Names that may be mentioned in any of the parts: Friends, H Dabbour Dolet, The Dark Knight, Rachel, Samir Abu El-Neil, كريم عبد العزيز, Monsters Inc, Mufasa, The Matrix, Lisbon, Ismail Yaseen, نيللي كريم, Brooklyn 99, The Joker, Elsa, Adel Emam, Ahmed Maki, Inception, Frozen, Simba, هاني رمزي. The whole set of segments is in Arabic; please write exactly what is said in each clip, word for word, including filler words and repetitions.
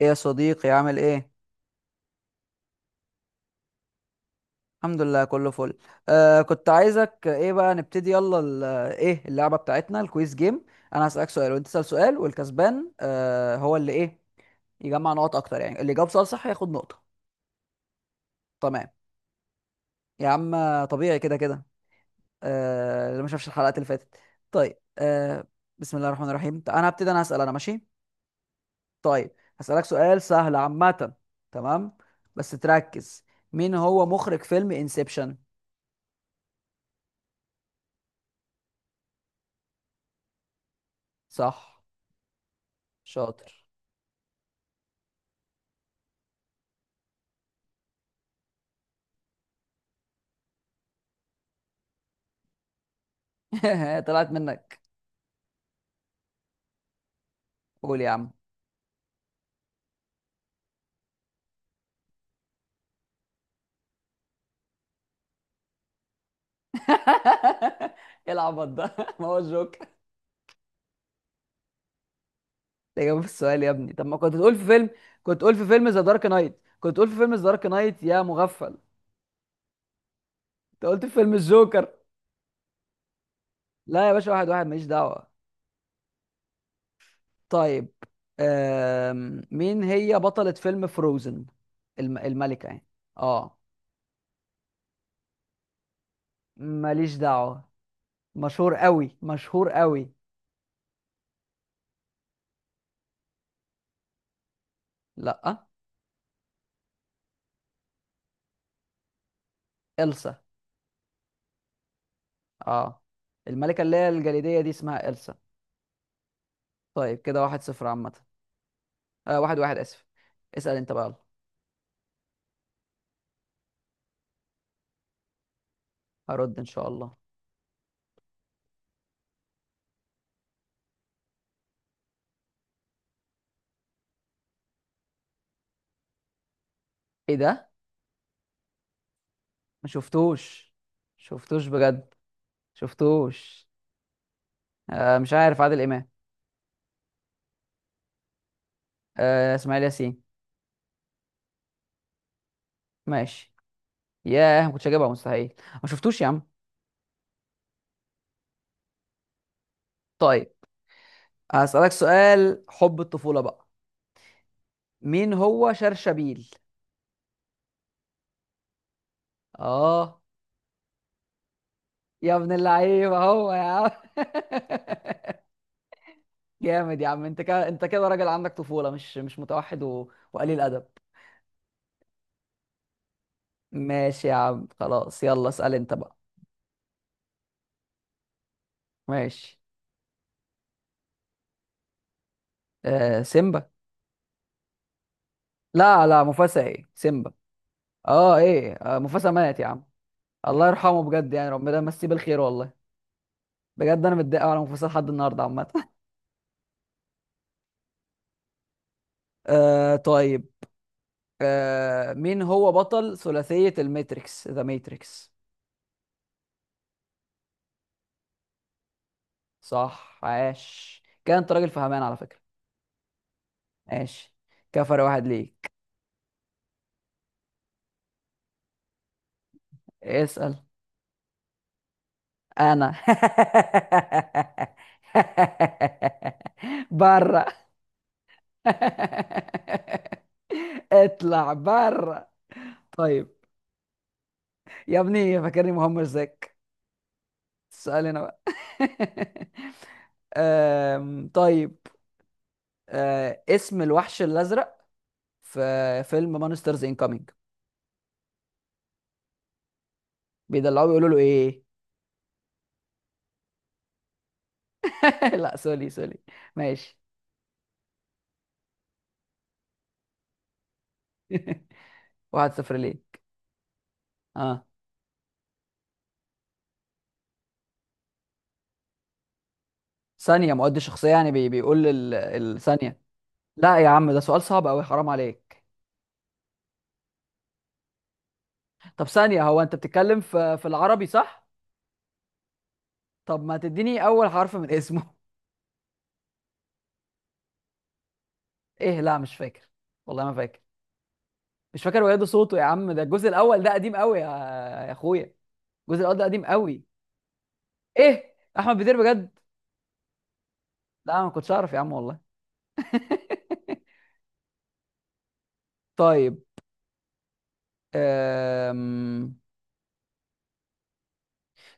ايه يا صديقي، عامل ايه؟ الحمد لله، كله فل. آه كنت عايزك ايه بقى، نبتدي يلا ال- ايه اللعبه بتاعتنا؟ الكويز جيم. انا هسألك سؤال وانت تسأل سؤال، والكسبان آه هو اللي ايه، يجمع نقط اكتر، يعني اللي جاوب سؤال صح ياخد نقطه. تمام يا عم. طبيعي كده كده. آه اللي ما شافش الحلقات اللي فاتت. طيب. آه بسم الله الرحمن الرحيم، انا هبتدي، انا هسأل، انا ماشي. طيب، هسألك سؤال سهل عامه. تمام، بس تركز. مين هو مخرج فيلم انسبشن؟ صح، شاطر. طلعت منك. قول يا عم. ايه العبط ده؟ ما هو الجوك، الاجابه في السؤال يا ابني. طب ما كنت تقول في فيلم، كنت تقول في فيلم ذا دارك نايت، كنت تقول في فيلم ذا دارك نايت يا مغفل. انت قلت في فيلم الجوكر. لا يا باشا، واحد واحد، ماليش دعوه. طيب، أم... مين هي بطلة فيلم فروزن؟ الم... الملكة يعني. اه، ماليش دعوة، مشهور قوي مشهور قوي. لا. إلسا. اه، الملكة اللي هي الجليدية دي اسمها إلسا. طيب كده واحد صفر عامة. آه واحد واحد، آسف. اسأل انت بقى يلا. هرد ان شاء الله. ايه ده؟ ما شفتوش، شفتوش بجد، شفتوش. آه مش عارف، عادل امام. آه اسماعيل ياسين. ماشي، ياه، ما كنتش هجيبها، مستحيل. ما شفتوش يا عم. طيب، هسألك سؤال حب الطفولة بقى. مين هو شرشبيل؟ اه. يا ابن اللعيبة هو يا عم. جامد يا عم، انت كده انت كده راجل عندك طفولة، مش مش متوحد و... وقليل ادب. ماشي يا عم، خلاص، يلا اسأل انت بقى. ماشي. آه سيمبا. لا لا، مفاسا، ايه سيمبا. اه، ايه، آه مفاسا مات يا عم. الله يرحمه بجد، يعني ربنا يمسيه بالخير والله. بجد انا متضايق أوي على مفاسا لحد النهارده عامة. آه طيب. آه مين هو بطل ثلاثية الماتريكس، ذا ماتريكس؟ صح، عاش، كان انت راجل فهمان على فكرة. ماشي، كفر واحد ليك. اسأل انا. بره. اطلع بره. طيب، يا ابني فاكرني مهمش زيك؟ السؤال هنا بقى. أم، طيب، أه، اسم الوحش الازرق في فيلم مانسترز انكامينج، بيدلعوه بيقولوا له ايه؟ لا، سوري سوري، ماشي. واحد صفر ليه. اه، ثانيه، مؤدي شخصيه يعني، بي بيقول ال- الثانيه؟ لا يا عم، ده سؤال صعب قوي، حرام عليك. طب ثانيه، هو انت بتتكلم في في العربي؟ صح. طب ما تديني اول حرف من اسمه. ايه، لا مش فاكر والله، ما فاكر. مش فاكر، وياده صوته يا عم، ده الجزء الاول ده قديم قوي يا، يا اخويا. الجزء الاول ده قديم قوي. ايه، احمد بدير، بجد؟ لا ما كنتش اعرف يا عم والله. طيب، أم...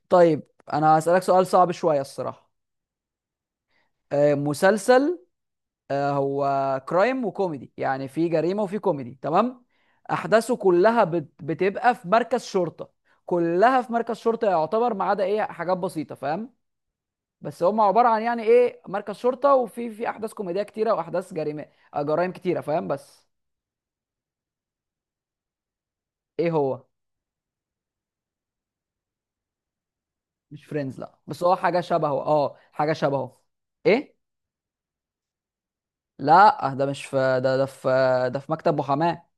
طيب، انا هسألك سؤال صعب شوية الصراحة. أم، مسلسل، آه، هو كرايم وكوميدي، يعني في جريمه وفي كوميدي، تمام، احداثه كلها بت- بتبقى في مركز شرطه، كلها في مركز شرطه يعتبر، ما عدا ايه، حاجات بسيطه، فاهم؟ بس هم عباره عن يعني ايه، مركز شرطه وفي في احداث كوميديه كتيره واحداث جريمه، آه، جرائم كتيره، فاهم؟ بس ايه هو؟ مش فريندز، لا، بس هو حاجه شبهه، اه حاجه شبهه. ايه، لا ده مش في ده، ده في ده في مكتب محاماه.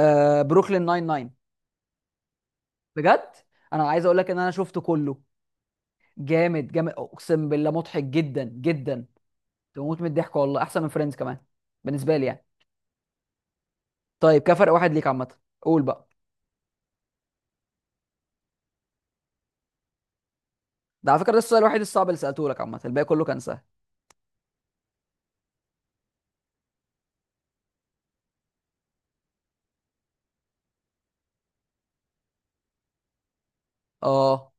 آه، بروكلين ناين ناين. بجد، انا عايز اقول لك ان انا شفته كله. جامد جامد، اقسم بالله مضحك جدا جدا، تموت من الضحك والله، احسن من فريندز كمان بالنسبه لي يعني. طيب كفرق واحد ليك عامه. قول بقى. ده على فكره ده السؤال الوحيد الصعب اللي سالته لك عامه، الباقي كله كان سهل. اه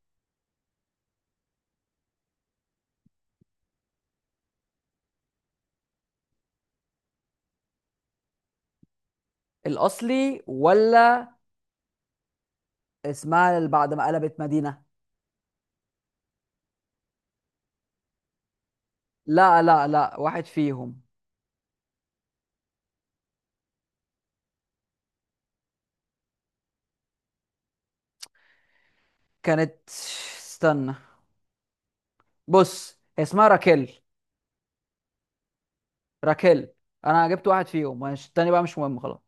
الاصلي ولا؟ اسمها اللي بعد ما قلبت مدينه؟ لا لا لا، واحد فيهم. كانت، استنى، بص هي اسمها راكيل، راكيل. انا جبت واحد فيهم، مش التاني بقى، مش مهم، خلاص.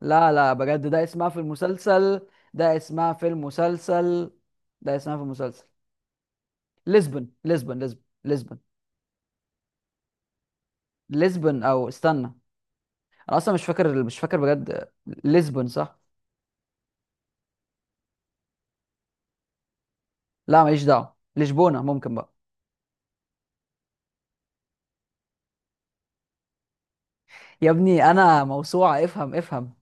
لا لا بجد ده اسمها في المسلسل، ده اسمها في المسلسل، ده اسمها في المسلسل، لشبن لشبن لشبن. لشبن. لشبن او استنى، انا اصلا مش فاكر، مش فاكر بجد. لشبن صح. لا ماليش دعوه، لشبونه ممكن بقى. يا ابني انا موسوعه، افهم افهم.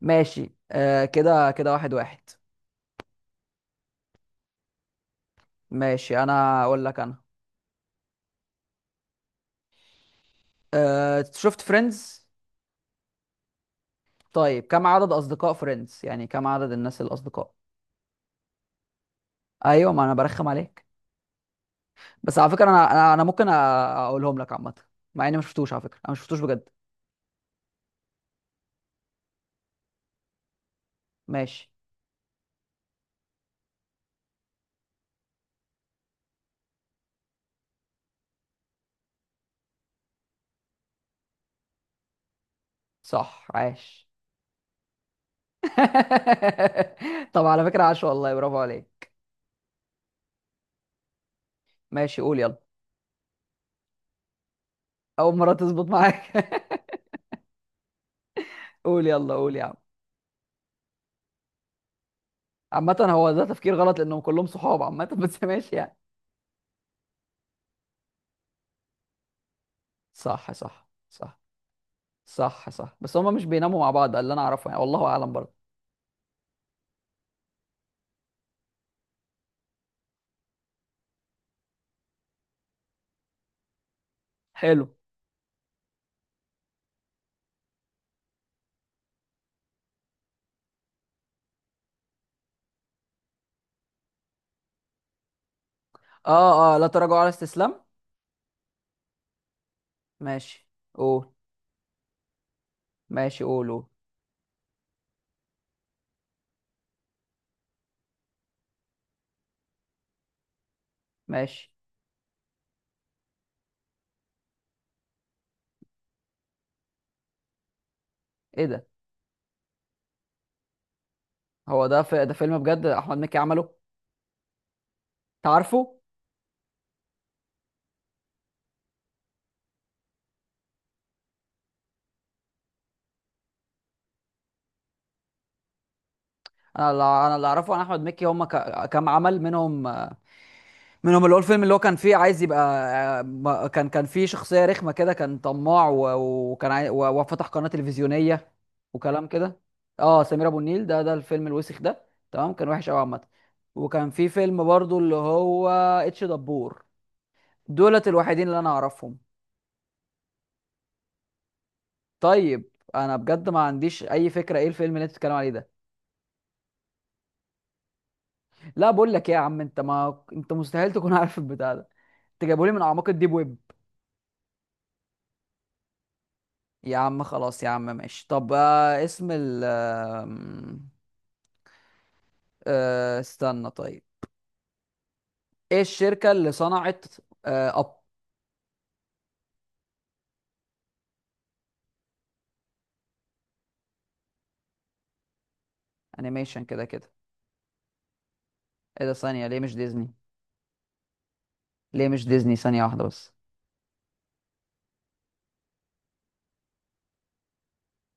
ماشي. آه كده كده واحد واحد. ماشي، انا اقول لك انا. آه شفت فريندز؟ طيب، كم عدد اصدقاء فريندز، يعني كم عدد الناس الاصدقاء. ايوه، ما انا برخم عليك. بس على فكره انا انا أنا ممكن أ- اقولهم لك عامه، مع اني ما شفتوش على فكره، انا ما شفتوش بجد. ماشي. صح، عاش. طب على فكره، عاش والله، برافو عليك. ماشي، قول يلا. اول مره تظبط معاك. قول يلا، قول يا عم. عامه هو ده تفكير غلط لانهم كلهم صحاب عامه. بس ماشي يعني. صح صح صح صح صح. بس هما مش بيناموا مع بعض ده اللي انا اعرفه، يعني والله اعلم برضه. حلو. اه اه، لا تراجعوا على استسلام. ماشي، قول. ماشي، قول قول. ماشي. ايه ده؟ هو ده، في ده، فيلم بجد احمد مكي عمله؟ تعرفه؟ انا اللي انا اللي اعرفه عن احمد مكي هم ك- كام عمل، منهم منهم اللي هو الفيلم اللي هو كان فيه عايز يبقى، ما- كان كان فيه شخصيه رخمه كده، كان طماع و- وكان عاي... و- وفتح قناه تلفزيونيه وكلام كده. اه سمير ابو النيل، ده ده الفيلم الوسخ ده، تمام. كان وحش قوي عامه. وكان في فيلم برضو اللي هو اتش دبور، دولت الوحيدين اللي انا اعرفهم. طيب انا بجد ما عنديش اي فكره ايه الفيلم اللي انت بتتكلم عليه ده. لا بقول لك ايه يا عم، انت، ما انت مستحيل تكون عارف البتاع ده. انت جايبهولي من اعماق الديب ويب. يا عم خلاص يا عم، ماشي. طب، آه اسم ال آم، آه استنى. طيب، ايه الشركة اللي صنعت، آه اب انيميشن كده كده. ايه ده؟ ثانية، ليه مش ديزني؟ ليه مش ديزني؟ ثانية واحدة بس.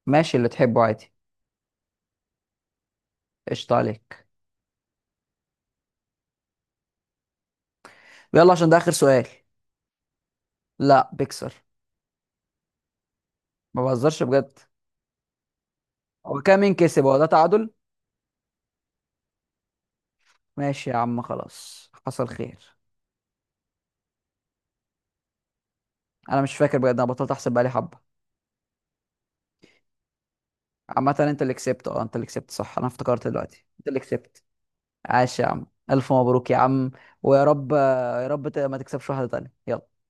ماشي اللي تحبه عادي. قشطة عليك. يلا عشان ده اخر سؤال. لا بيكسر. ما بهزرش بجد. هو كام؟ مين كسب؟ هو ده تعادل. ماشي يا عم خلاص، حصل خير. انا مش فاكر بجد، انا بطلت احسب بقالي حبة. عامة انت اللي كسبت، اه انت اللي كسبت، صح، انا افتكرت دلوقتي انت اللي كسبت. عاش يا عم، الف مبروك يا عم. ويا رب يا رب ت- ما تكسبش واحدة تانية، يلا.